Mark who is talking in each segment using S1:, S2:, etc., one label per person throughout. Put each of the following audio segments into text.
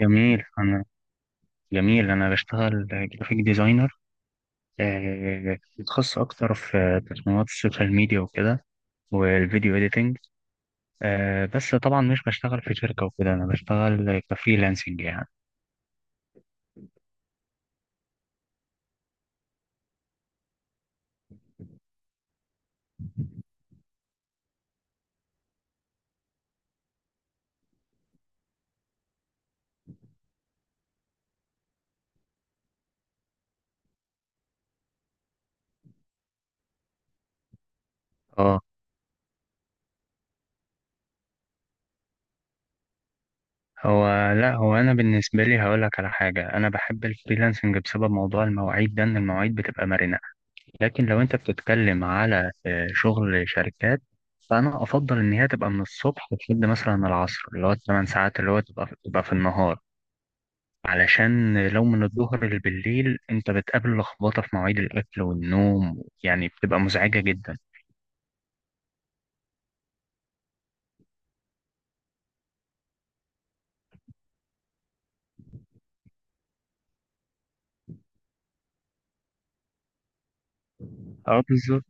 S1: جميل أنا جميل. أنا بشتغل جرافيك ديزاينر، متخصص أكتر في تصميمات السوشيال ميديا وكده، والفيديو إيديتنج. بس طبعا مش بشتغل في شركة وكده، أنا بشتغل كفريلانسنج يعني. اه، هو لا هو أنا بالنسبة لي هقولك على حاجة، أنا بحب الفريلانسنج بسبب موضوع المواعيد ده، إن المواعيد بتبقى مرنة. لكن لو أنت بتتكلم على شغل شركات، فأنا أفضل إن هي تبقى من الصبح لحد مثلا العصر، اللي هو 8 ساعات، اللي هو تبقى في النهار. علشان لو من الظهر للبالليل انت بتقابل لخبطة في مواعيد الأكل والنوم، يعني بتبقى مزعجة جدا. اه، بالظبط.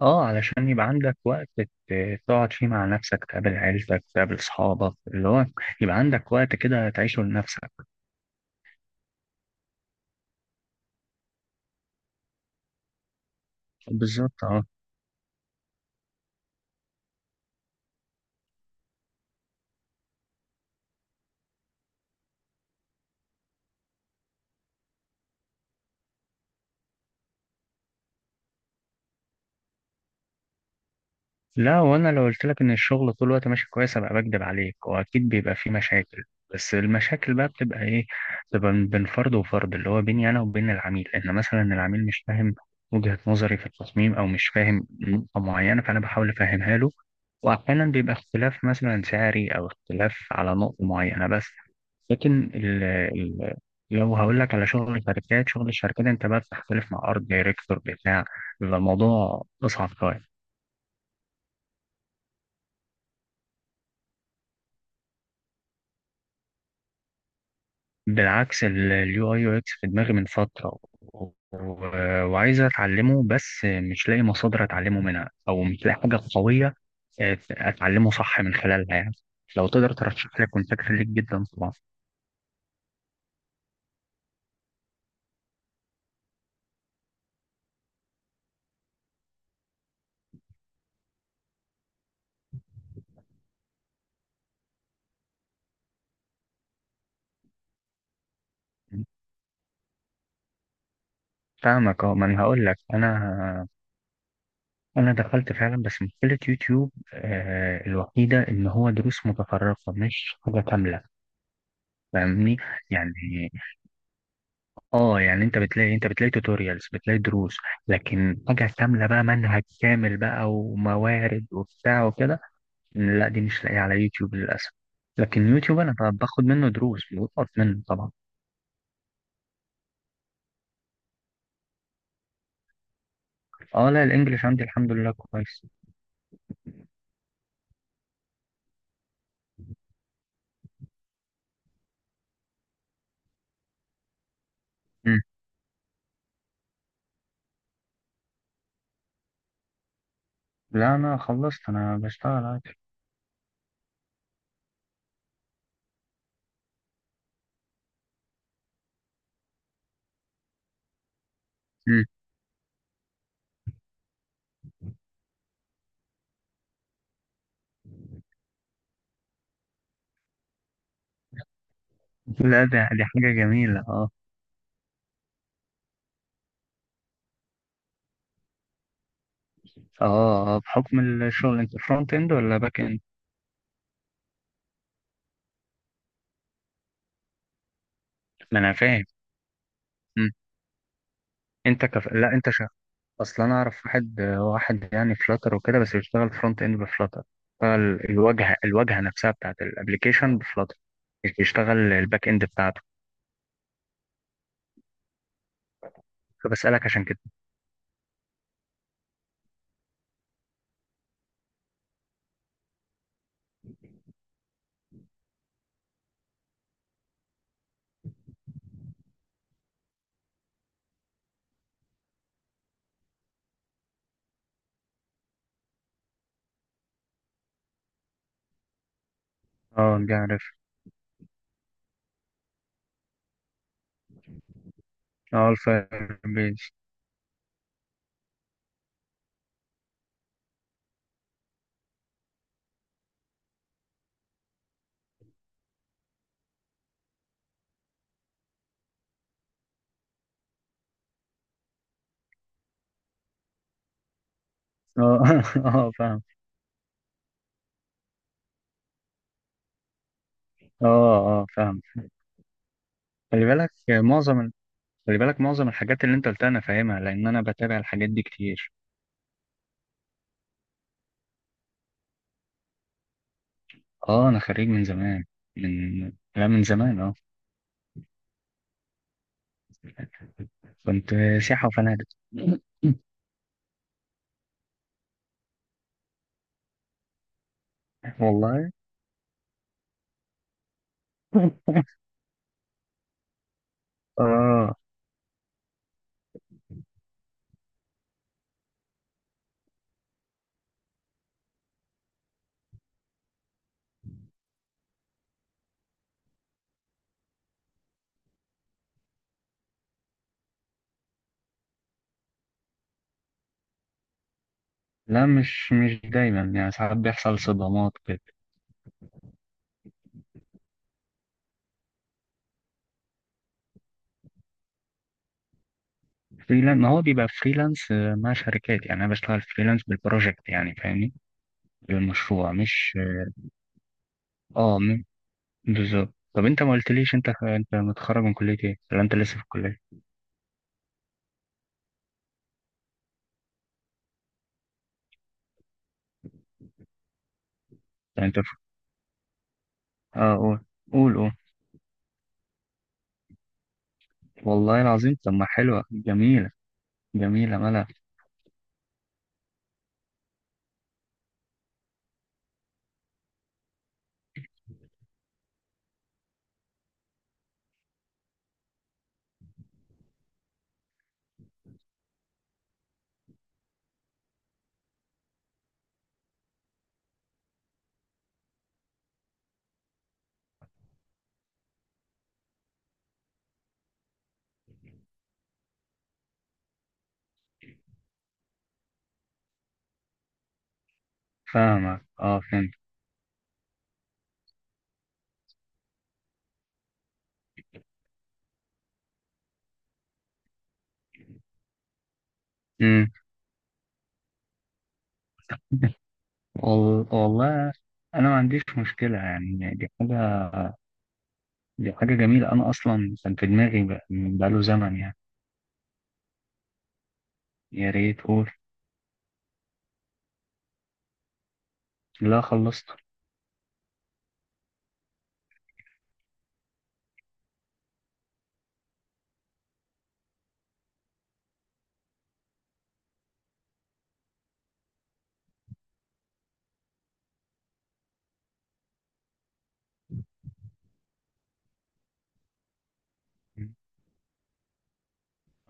S1: اه، علشان يبقى عندك وقت تقعد فيه مع نفسك، تقابل عيلتك، تقابل أصحابك، اللي هو يبقى عندك وقت كده تعيشه لنفسك. بالظبط، اه. لا، وانا لو قلت لك ان الشغل طول الوقت ماشي كويس ابقى بكدب عليك، واكيد بيبقى فيه مشاكل. بس المشاكل بقى بتبقى ايه؟ بتبقى بين فرد وفرد، اللي هو بيني انا وبين العميل، ان مثلا العميل مش فاهم وجهة نظري في التصميم، او مش فاهم نقطة معينة فانا بحاول افهمها له. واحيانا بيبقى اختلاف مثلا سعري، او اختلاف على نقطة معينة بس. لكن ال ال لو هقول لك على شغل الشركات، شغل الشركات انت بقى بتختلف مع ارت دايركتور بتاع، بيبقى الموضوع اصعب شوية. بالعكس، اليو اي يو اكس في دماغي من فترة وعايز اتعلمه، بس مش لاقي مصادر اتعلمه منها، او مش لاقي حاجة قوية اتعلمه صح من خلالها يعني. لو تقدر ترشح لي كنت فاكر ليك جدا طبعا. فاهمك، اه، ما انا هقول لك، انا دخلت فعلا، بس مشكله يوتيوب الوحيده ان هو دروس متفرقه مش حاجه كامله. فاهمني، يعني اه، يعني انت بتلاقي توتوريالز، بتلاقي دروس، لكن حاجة كاملة بقى، منهج كامل بقى وموارد وبتاع وكده، لا دي مش لاقيها على يوتيوب للأسف. لكن يوتيوب انا باخد منه دروس، بقف منه طبعا. اه، لا، الانجليش عندي الحمد لله كويس. مم. لا، انا خلصت، انا بشتغل عادي. مم. لا، دي حاجة جميلة، اه. اه، بحكم الشغل انت فرونت اند ولا باك اند؟ ما انا فاهم. مم. لا، انت شغال. اصل انا اعرف واحد، يعني فلاتر وكده، بس بيشتغل فرونت اند بفلاتر، بيشتغل الواجهه نفسها بتاعت الابلكيشن بفلاتر، مش بيشتغل الباك اند بتاعته. فبسألك عشان كده. اه، دي عارف. اه، الفاير بيز. اه، اه، فاهم. اه، اه، فاهم. خلي بالك معظم ال- خلي بالك معظم الحاجات اللي انت قلتها انا فاهمها، لان انا بتابع الحاجات دي كتير. اه، انا خريج من زمان، لا من زمان، اه. كنت سياحه وفنادق. والله. اه، لا مش دايما، يعني ساعات بيحصل صدمات كده. فريلانس، ما هو بيبقى فريلانس مع شركات، يعني انا بشتغل فريلانس بالبروجكت، يعني فاهمني. بالمشروع، مش. اه، بالظبط. طب انت ما قلتليش، انت متخرج من كلية ايه، ولا انت لسه في الكلية؟ ولا انت في. اه، قول قول قول. والله العظيم، طب ما حلوة جميلة، جميلة ملا. فاهمك، اه، فهمت. امم والله. انا ما عنديش مشكلة، يعني دي حاجة جميلة، أنا أصلا كان في دماغي بقاله زمن يعني. يا ريت، قول. لا، خلصت.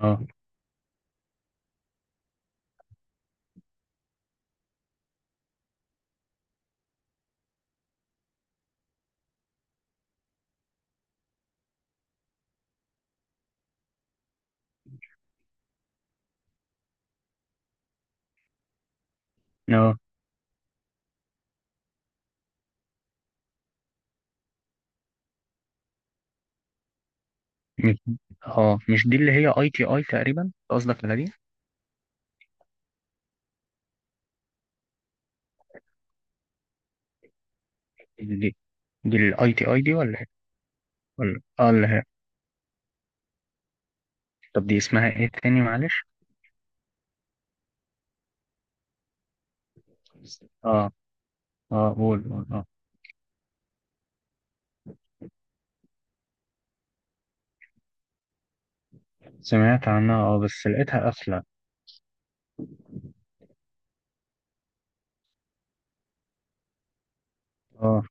S1: اه، اه، مش اه مش دي اللي هي اي تي اي تقريبا، قصدك على دي؟ دي دي الاي تي اي دي ولا إيه؟ ولا، اه، اللي هي. طب دي اسمها ايه تاني، معلش؟ اه، اه، قول قول، اه. سمعت عنها، اه، بس لقيتها قافلة. اه،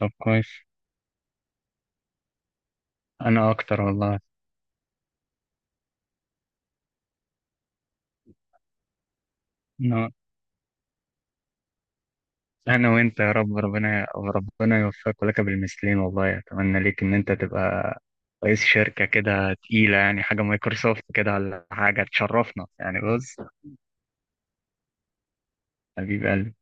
S1: طب كويس. انا اكتر والله. انا وانت يا رب، ربنا ربنا يوفقك ولك بالمثلين، والله اتمنى ليك ان انت تبقى رئيس شركة كده تقيلة يعني، حاجة مايكروسوفت كده ولا حاجة تشرفنا يعني، بص. حبيب قلبي.